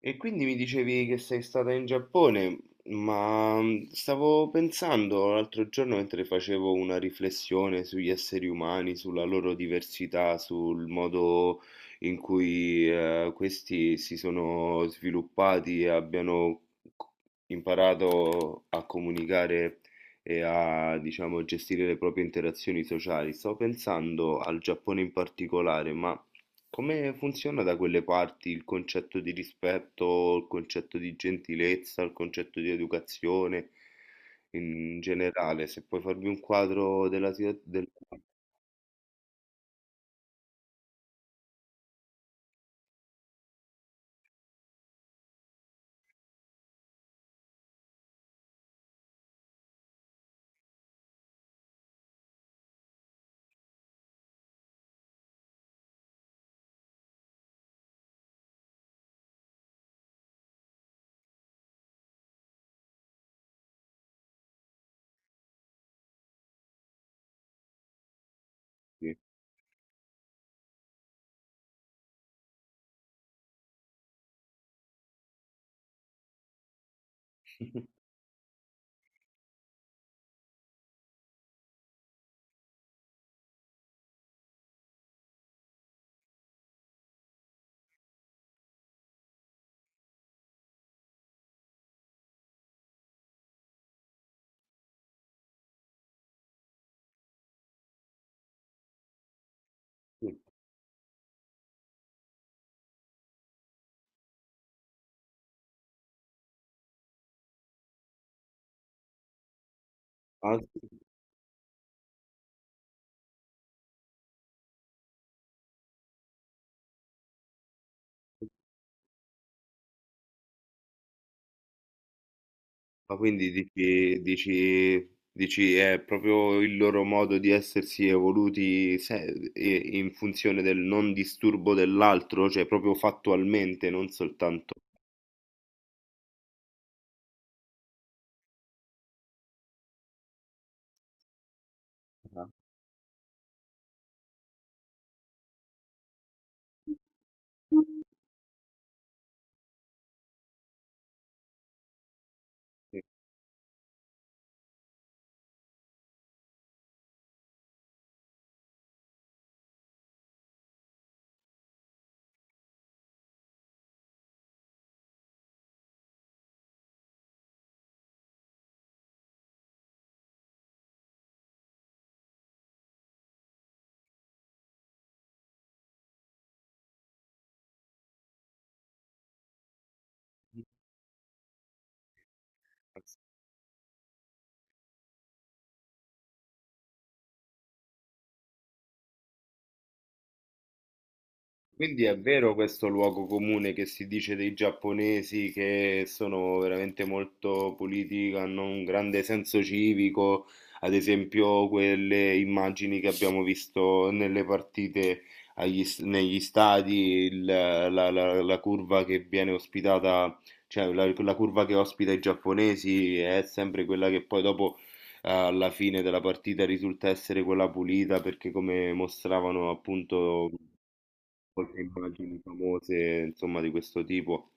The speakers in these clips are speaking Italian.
E quindi mi dicevi che sei stata in Giappone, ma stavo pensando l'altro giorno mentre facevo una riflessione sugli esseri umani, sulla loro diversità, sul modo in cui questi si sono sviluppati e abbiano c- imparato a comunicare e a, diciamo, gestire le proprie interazioni sociali. Stavo pensando al Giappone in particolare, ma come funziona da quelle parti il concetto di rispetto, il concetto di gentilezza, il concetto di educazione in generale? Se puoi farmi un quadro della situazione. Del... Sì. Ah, sì. Ma quindi dici è proprio il loro modo di essersi evoluti in funzione del non disturbo dell'altro, cioè proprio fattualmente, non soltanto. Ah. Quindi è vero questo luogo comune che si dice dei giapponesi che sono veramente molto puliti, hanno un grande senso civico, ad esempio quelle immagini che abbiamo visto nelle partite negli stadi, la curva che viene ospitata, cioè la curva che ospita i giapponesi è sempre quella che poi dopo alla fine della partita risulta essere quella pulita perché come mostravano appunto molte immagini famose, insomma, di questo tipo.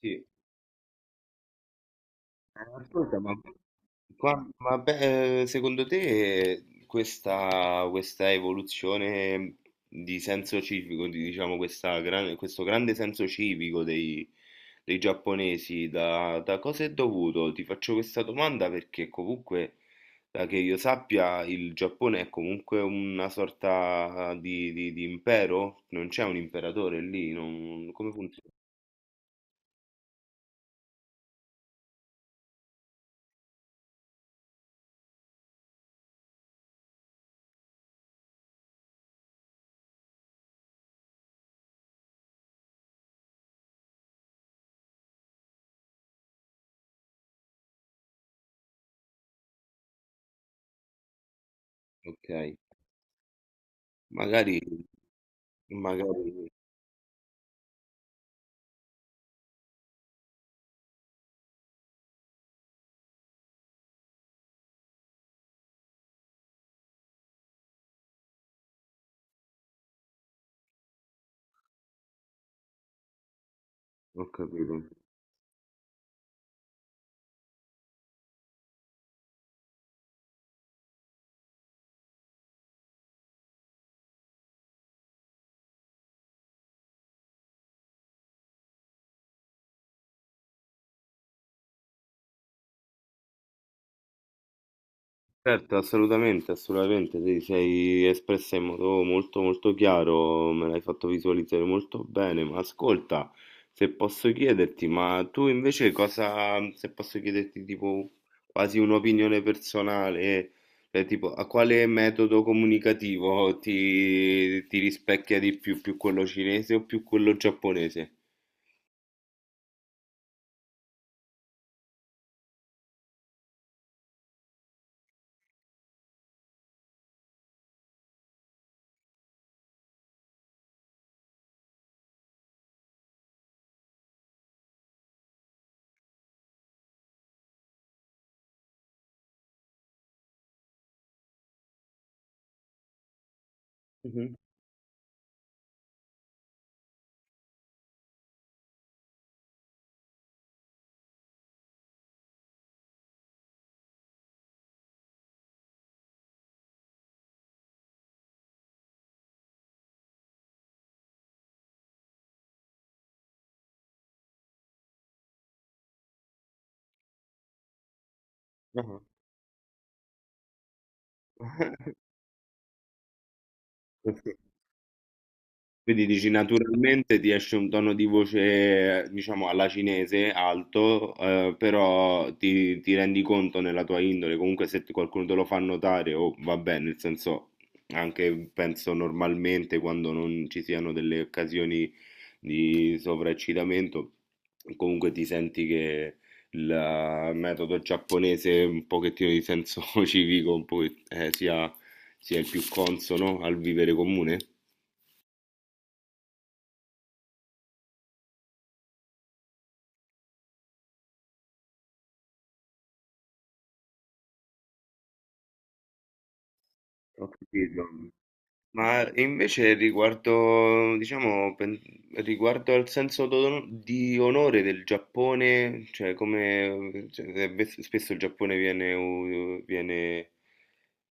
Sì. Ascolta, ma beh, secondo te questa evoluzione di senso civico, diciamo, questo grande senso civico dei giapponesi, da cosa è dovuto? Ti faccio questa domanda perché comunque, da che io sappia, il Giappone è comunque una sorta di, di impero, non c'è un imperatore lì, come funziona? Okay, magari magari ho capito. Certo, assolutamente, assolutamente, ti sei espressa in modo molto, molto chiaro, me l'hai fatto visualizzare molto bene, ma ascolta, se posso chiederti, ma tu invece cosa, se posso chiederti tipo quasi un'opinione personale, cioè tipo a quale metodo comunicativo ti rispecchia di più, quello cinese o più quello giapponese? Mhm. Ah. Quindi dici naturalmente ti esce un tono di voce, diciamo, alla cinese alto, però ti rendi conto nella tua indole, comunque se ti- qualcuno te lo fa notare, o va bene, nel senso, anche penso normalmente quando non ci siano delle occasioni di sovraeccitamento, comunque ti senti che il metodo giapponese, un pochettino di senso civico, un po' sia il più consono al vivere comune. Ho capito. Ma invece riguardo, diciamo, riguardo al senso di onore del Giappone, cioè come cioè, spesso il Giappone viene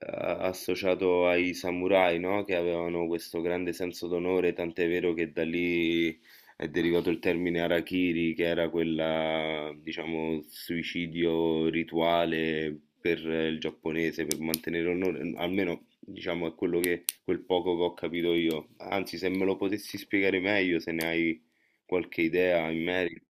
associato ai samurai, no? Che avevano questo grande senso d'onore, tant'è vero che da lì è derivato il termine harakiri, che era quella, diciamo, suicidio rituale per il giapponese, per mantenere onore, almeno diciamo è quello che, quel poco che ho capito io. Anzi, se me lo potessi spiegare meglio, se ne hai qualche idea in merito.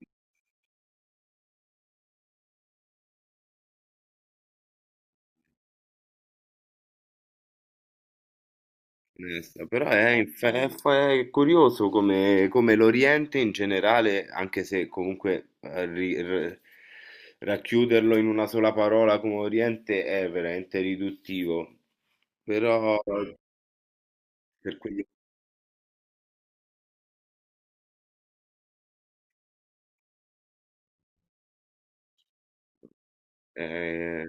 Onesta, però è, è curioso come l'Oriente in generale, anche se comunque racchiuderlo in una sola parola come Oriente è veramente riduttivo, però per quelli, eh,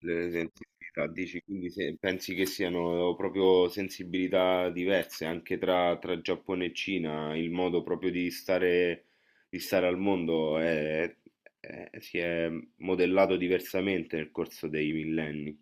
le sensibilità, dici, quindi pensi che siano proprio sensibilità diverse anche tra, Giappone e Cina, il modo proprio di stare al mondo si è modellato diversamente nel corso dei millenni.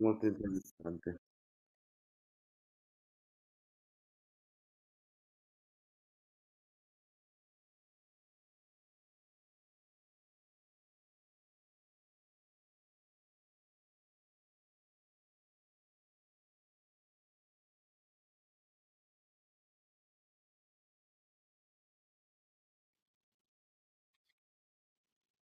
Molto interessante.